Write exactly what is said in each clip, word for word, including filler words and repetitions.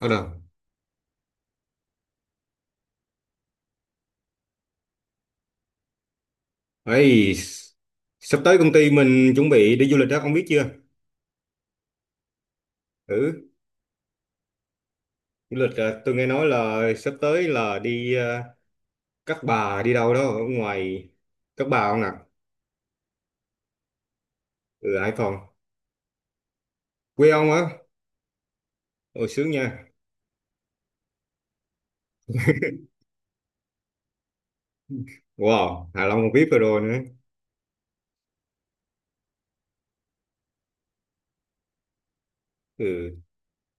Ờ đâu. Ấy, sắp tới công ty mình chuẩn bị đi du lịch đó, ông biết chưa? Ừ, du lịch à, tôi nghe nói là sắp tới là đi à, Cát Bà đi đâu đó ở ngoài Cát Bà không nè? Ừ, Hải Phòng. Quê ông á? Ồ, sướng nha. Wow, Hạ Long còn biết rồi rồi nữa. Ừ,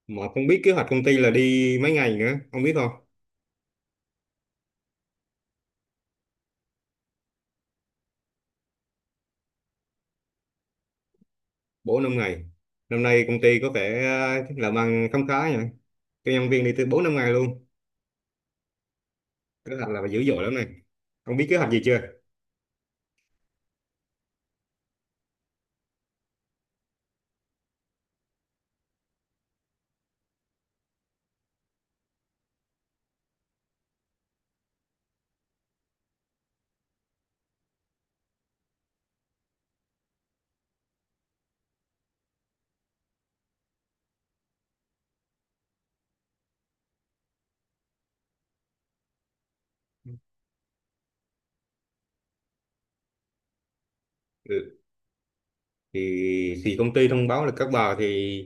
mà không biết kế hoạch công ty là đi mấy ngày nữa, ông biết không? Bốn năm ngày. Năm nay công ty có vẻ à, làm ăn khấm khá nhỉ. Cho nhân viên đi từ bốn năm ngày luôn. Kế hoạch là dữ dội lắm này. Ông biết kế hoạch gì chưa? Ừ. thì thì công ty thông báo là các bà, thì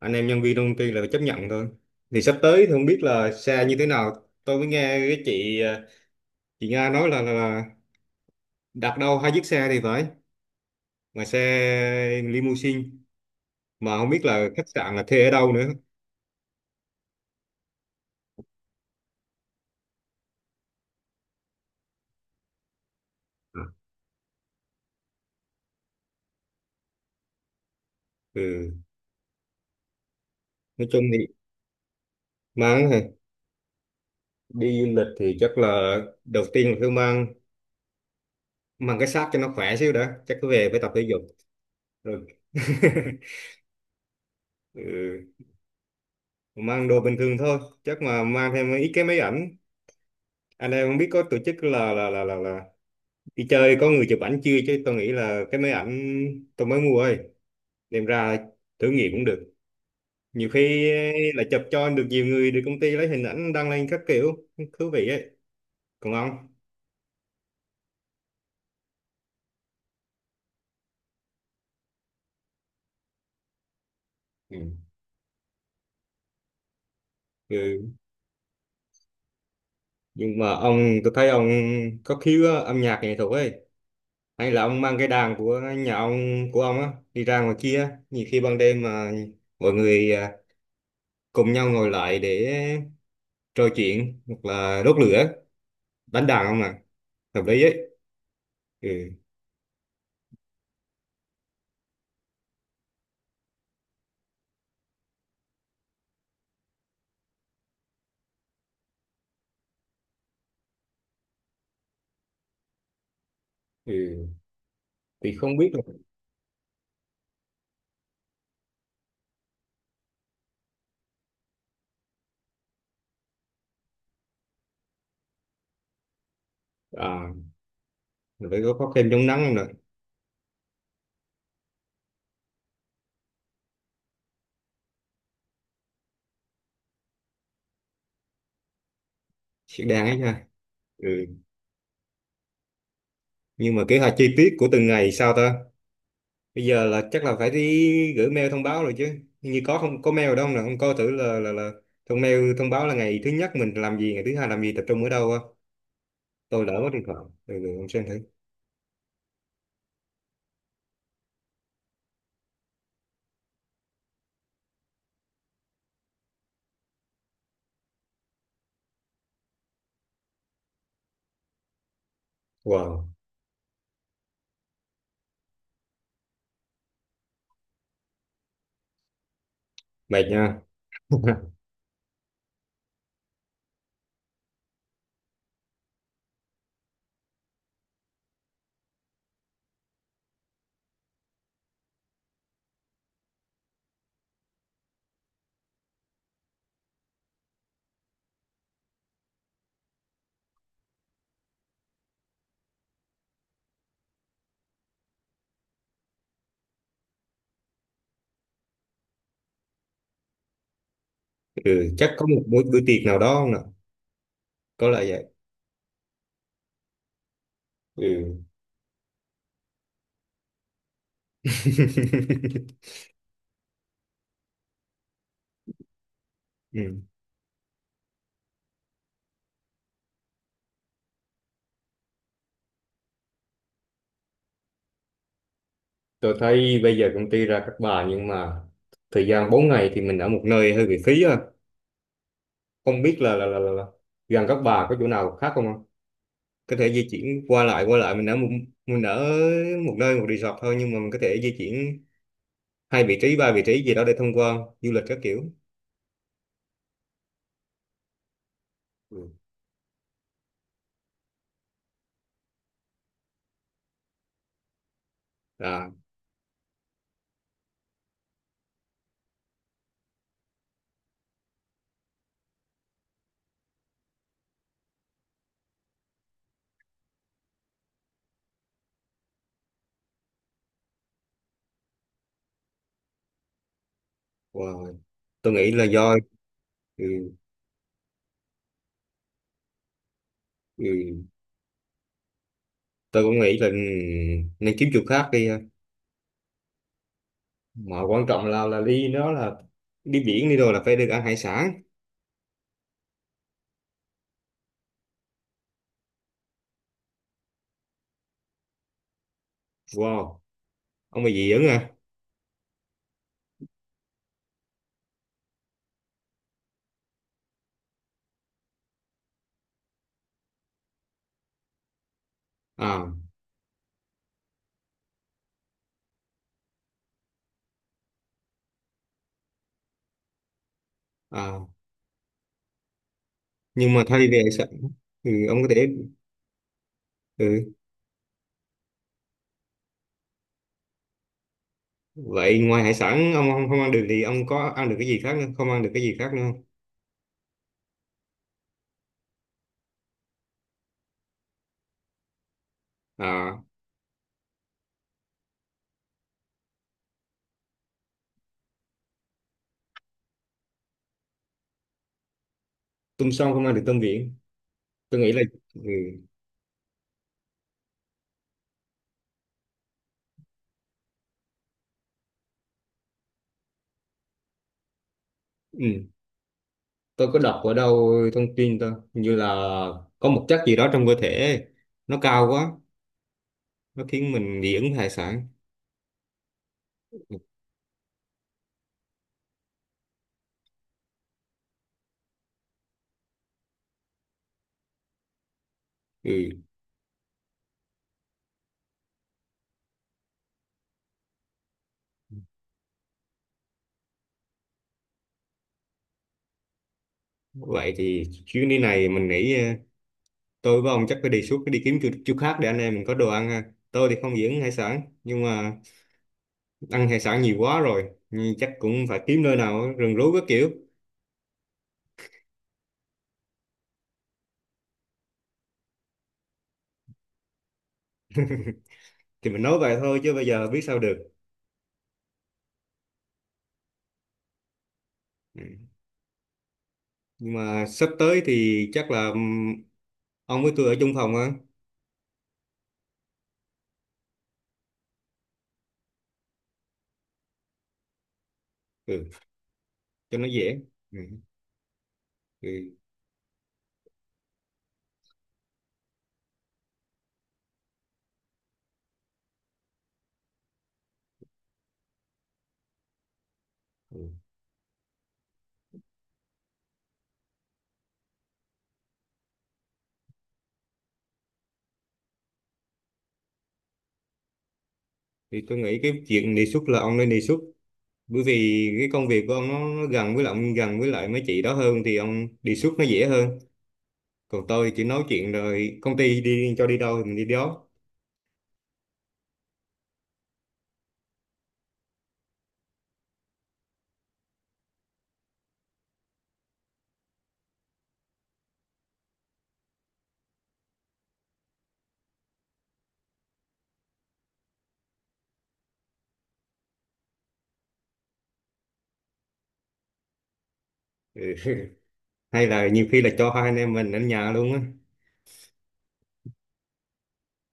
anh em nhân viên trong công ty là phải chấp nhận thôi. Thì sắp tới thì không biết là xe như thế nào. Tôi mới nghe cái chị à, chị Nga nói là, là, là đặt đâu hai chiếc xe thì phải, mà xe limousine, mà không biết là khách sạn là thuê ở đâu nữa. Ừ, nói chung thì mang hả? Đi du lịch thì chắc là đầu tiên là phải mang mang cái xác cho nó khỏe xíu đã, chắc cứ về phải tập thể dục rồi. Ừ, mang đồ bình thường thôi, chắc mà mang thêm ít cái máy ảnh. Anh em không biết có tổ chức là là là là, là đi chơi có người chụp ảnh chưa, chứ tôi nghĩ là cái máy ảnh tôi mới mua ơi đem ra thử nghiệm cũng được. Nhiều khi là chụp cho được nhiều người, được công ty lấy hình ảnh đăng lên các kiểu thú vị ấy. Còn ông? Ừ. Ừ, nhưng mà ông, tôi thấy ông có khiếu á, âm nhạc nghệ thuật ấy, hay là ông mang cái đàn của nhà ông của ông á đi ra ngoài kia. Nhiều khi ban đêm mà mọi người à, cùng nhau ngồi lại để trò chuyện hoặc là đốt lửa đánh đàn không ạ, hợp lý ấy. Ừ, ừ, thì không biết là à, mình phải có có kem chống nắng không nè. Sẽ đáng ấy nha. Ừ, nhưng mà kế hoạch chi tiết của từng ngày sao ta. Bây giờ là chắc là phải đi gửi mail thông báo rồi chứ. Hình như có không có mail đâu nè, không coi thử là là là thông mail thông báo là ngày thứ nhất mình làm gì, ngày thứ hai làm gì, tập trung ở đâu á. Tôi lỡ mất điện thoại. Ừ, ừ, không xem thử. Wow. Mệt nha. Ừ, chắc có một buổi buổi tiệc nào đó không nè. Có lẽ vậy. Ừ. Ừ. Tôi thấy bây giờ công ty ra các bà nhưng mà thời gian bốn ngày thì mình ở một nơi hơi bị phí ha. Không biết là, là, là, là, là gần các bà có chỗ nào khác không ạ? Có thể di chuyển qua lại, qua lại mình ở một mình ở một nơi, một resort thôi, nhưng mà mình có thể di chuyển hai vị trí ba vị trí gì đó để thông qua du lịch các kiểu. Ừ. À, wow. Tôi nghĩ là do ừ, ừ, tôi cũng nghĩ là ừ, nên kiếm chỗ khác đi ha. Mà quan trọng là là đi đó là đi biển đi rồi là phải được ăn hải sản. Wow, ông bà dị ứng à? À, à, nhưng mà thay vì hải sản, ừ, ông có thể. Ừ, vậy ngoài hải sản ông không, không ăn được thì ông có ăn được cái gì khác nữa, không ăn được cái gì khác nữa không? À, tôm sông không ăn được tôm biển. Tôi nghĩ là ừ. Ừ, tôi có đọc ở đâu thông tin tôi hình như là có một chất gì đó trong cơ thể nó cao quá, nó khiến mình dị ứng với hải sản. Ừ, vậy thì chuyến đi này mình nghĩ ờ, tôi với ông chắc phải đề xuất đi kiếm chỗ, chỗ khác để anh em mình có đồ ăn ha. Tôi thì không dị ứng hải sản nhưng mà ăn hải sản nhiều quá rồi, nhưng chắc cũng phải kiếm nơi nào rừng rú các kiểu. Thì mình nói vậy thôi chứ bây giờ biết sao được. Ừ, nhưng mà sắp tới thì chắc là ừm, ông với tôi ở chung phòng á. Ừ, cho nó dễ. Ừ. Thì, ừ, thì tôi nghĩ cái chuyện đề xuất là ông nên đề xuất, bởi vì cái công việc của ông nó, nó gần với lại ông, gần với lại mấy chị đó hơn, thì ông đề xuất nó dễ hơn. Còn tôi chỉ nói chuyện rồi công ty đi cho đi đâu thì mình đi đó. Ừ. Hay là nhiều khi là cho hai anh em mình ở nhà luôn á.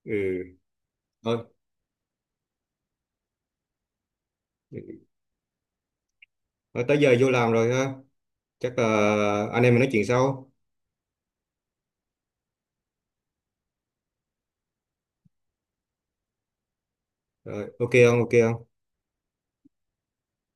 Ừ, thôi. Ừ. Ờ, tới giờ vô làm rồi ha, chắc là anh em mình nói chuyện sau. Rồi, ok không, ok không.